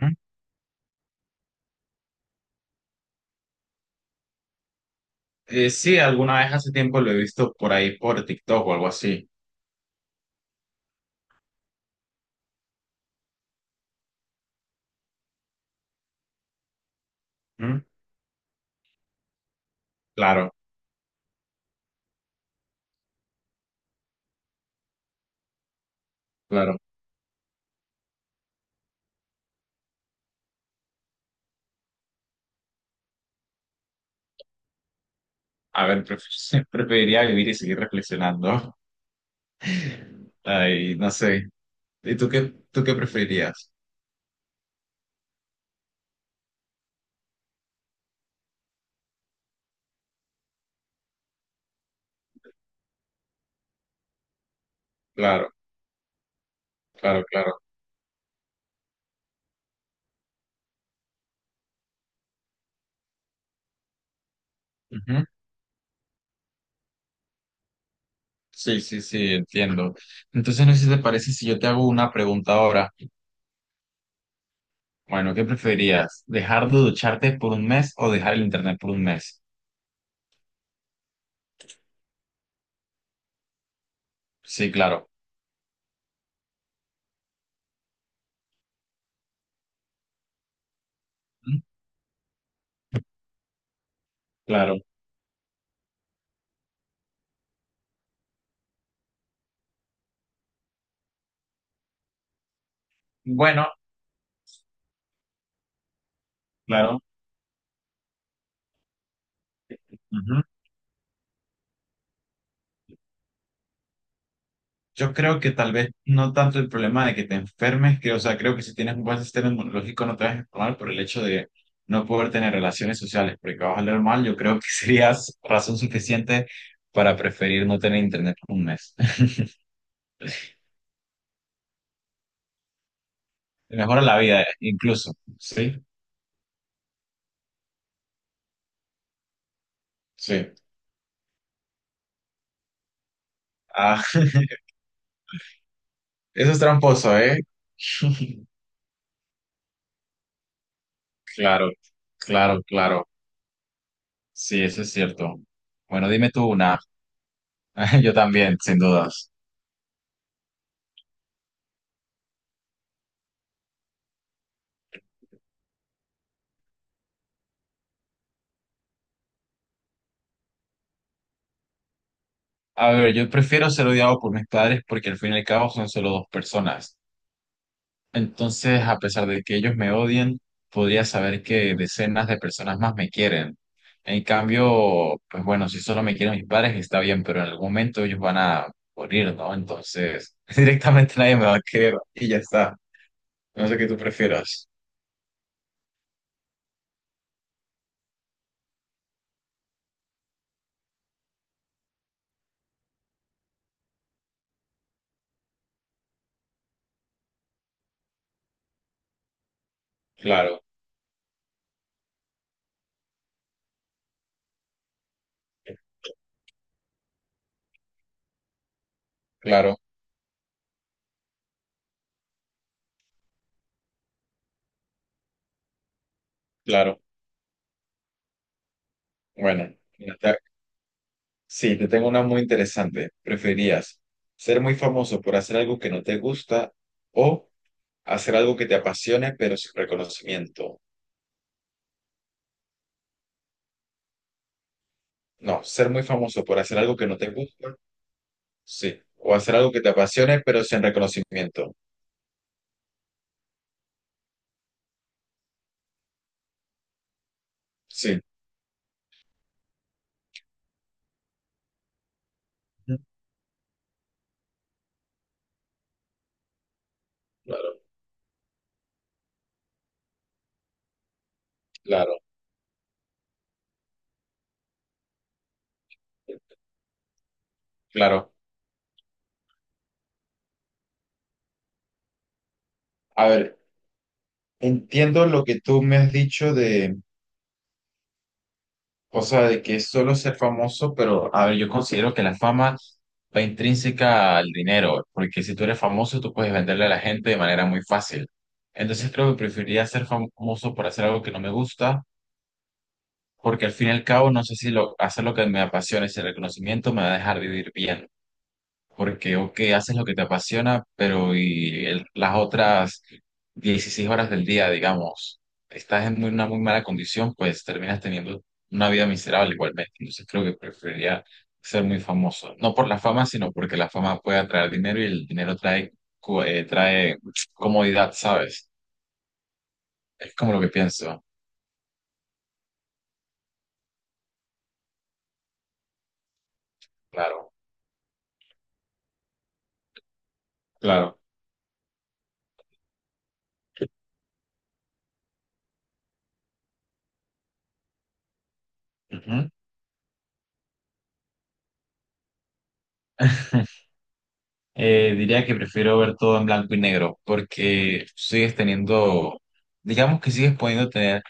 ¿Mm? Sí, alguna vez hace tiempo lo he visto por ahí por TikTok o algo así. ¿Mm? Claro, claro. A ver, preferiría vivir y seguir reflexionando. Ay, no sé. ¿Y tú qué preferirías? Claro, claro, claro. Ujú. Sí, sí, sí, entiendo. Entonces, no sé si te parece si yo te hago una pregunta ahora. Bueno, ¿qué preferirías? ¿Dejar de ducharte por un mes o dejar el internet por un mes? Sí, claro. ¿Mm? Claro. Bueno, claro. Ujú. Yo creo que tal vez no tanto el problema de que te enfermes, que, o sea, creo que si tienes un buen sistema inmunológico no te vas a enfermar por el hecho de no poder tener relaciones sociales, porque vas a oler mal, yo creo que serías razón suficiente para preferir no tener internet un mes. Te mejora la vida, incluso. Sí, sí. Ah, eso es tramposo, ¿eh? Claro, claro, claro. Sí, eso es cierto. Bueno, dime tú una. Yo también, sin dudas. A ver, yo prefiero ser odiado por mis padres porque al fin y al cabo son solo dos personas. Entonces, a pesar de que ellos me odien, podría saber que decenas de personas más me quieren. En cambio, pues bueno, si solo me quieren mis padres está bien, pero en algún momento ellos van a morir, ¿no? Entonces, directamente nadie me va a querer y ya está. No sé qué tú prefieras. Claro, claro, claro. Bueno, sí, te tengo una muy interesante. ¿Preferirías ser muy famoso por hacer algo que no te gusta o hacer algo que te apasione pero sin reconocimiento? No, ser muy famoso por hacer algo que no te gusta, sí. O hacer algo que te apasione pero sin reconocimiento. Sí, Ujú. Claro, claro, claro. A ver, entiendo lo que tú me has dicho. O sea, de que es solo ser famoso, pero a ver, yo considero que la fama va intrínseca al dinero, porque si tú eres famoso, tú puedes venderle a la gente de manera muy fácil. Entonces creo que preferiría ser famoso por hacer algo que no me gusta, porque al fin y al cabo no sé si lo, hacer lo que me apasiona, ese reconocimiento me va a dejar vivir bien, porque ok, haces lo que te apasiona, pero y las otras 16 horas del día, digamos, estás en una muy mala condición, pues terminas teniendo una vida miserable igualmente. Entonces creo que preferiría ser muy famoso, no por la fama, sino porque la fama puede atraer dinero y el dinero trae, trae comodidad, ¿sabes? Es como lo que pienso. Claro, claro. Ujú. Diría que prefiero ver todo en blanco y negro porque sigues teniendo, digamos que sigues pudiendo tener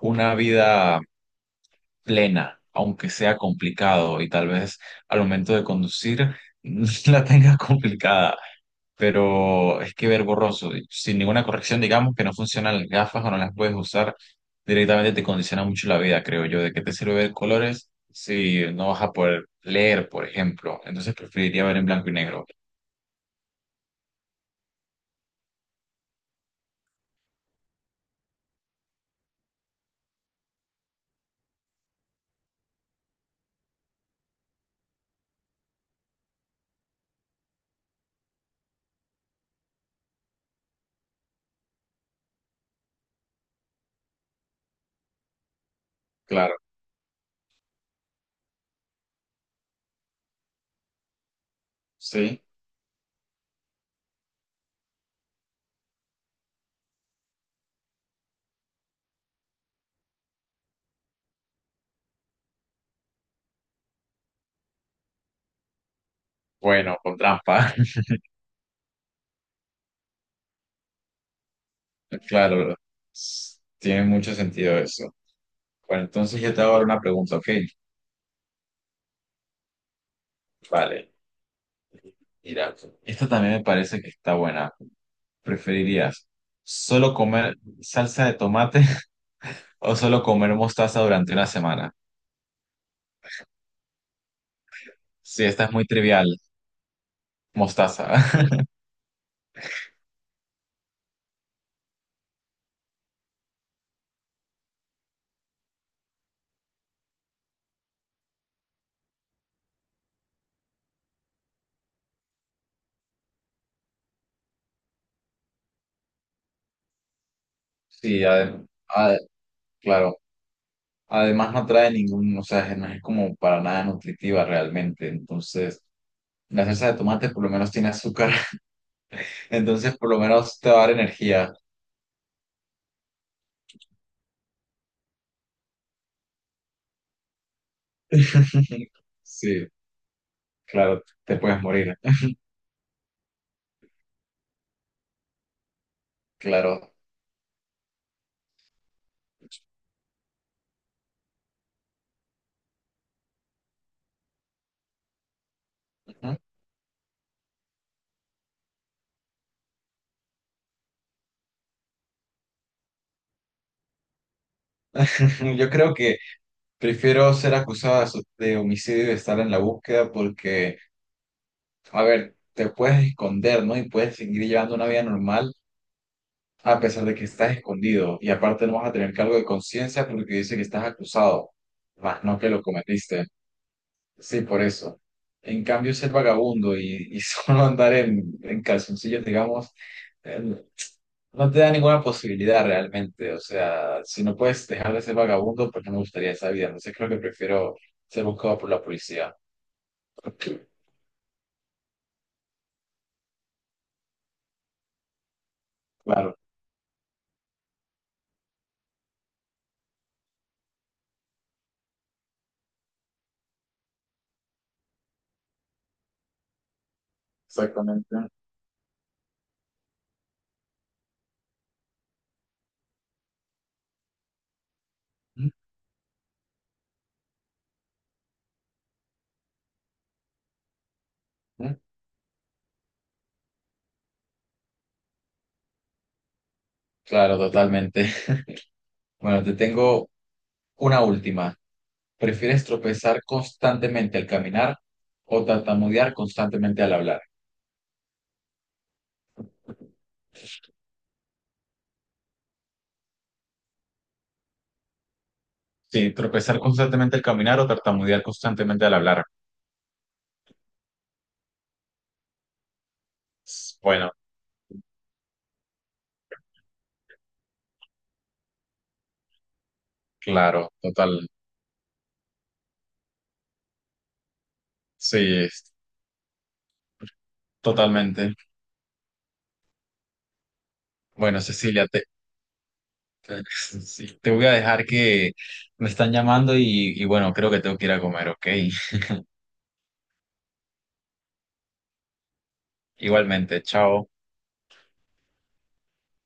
una vida plena, aunque sea complicado y tal vez al momento de conducir la tengas complicada, pero es que ver borroso, sin ninguna corrección, digamos que no funcionan las gafas o no las puedes usar, directamente te condiciona mucho la vida, creo yo. ¿De qué te sirve ver colores si no vas a poder leer, por ejemplo? Entonces preferiría ver en blanco y negro. Claro, sí. Bueno, con trampa. Claro, tiene mucho sentido eso. Bueno, entonces yo te hago ahora una pregunta, ¿ok? Vale. Mira, esta también me parece que está buena. ¿Preferirías solo comer salsa de tomate o solo comer mostaza durante una semana? Sí, esta es muy trivial, mostaza. Sí, claro. Además no trae ningún, o sea, no es como para nada nutritiva realmente. Entonces, la salsa de tomate por lo menos tiene azúcar, entonces por lo menos te va a dar energía. Sí, claro, te puedes morir. Claro. Yo creo que prefiero ser acusado de de homicidio y estar en la búsqueda porque, a ver, te puedes esconder, ¿no? Y puedes seguir llevando una vida normal a pesar de que estás escondido. Y aparte no vas a tener cargo de conciencia porque dice que estás acusado, más no que lo cometiste. Sí, por eso. En cambio, ser vagabundo y solo andar en calzoncillos, digamos, no te da ninguna posibilidad realmente. O sea, si no puedes dejar de ser vagabundo, pues no me gustaría esa vida. Entonces creo que prefiero ser buscado por la policía. Claro, exactamente. Ujú. Claro, totalmente. Bueno, te tengo una última. ¿Prefieres tropezar constantemente al caminar o tartamudear constantemente al hablar? Sí, tropezar constantemente al caminar o tartamudear constantemente al hablar. Bueno, claro, total. Sí, totalmente. Bueno, Cecilia, te sí, te voy a dejar que me están llamando y bueno, creo que tengo que ir a comer, ¿ok? Igualmente, chao.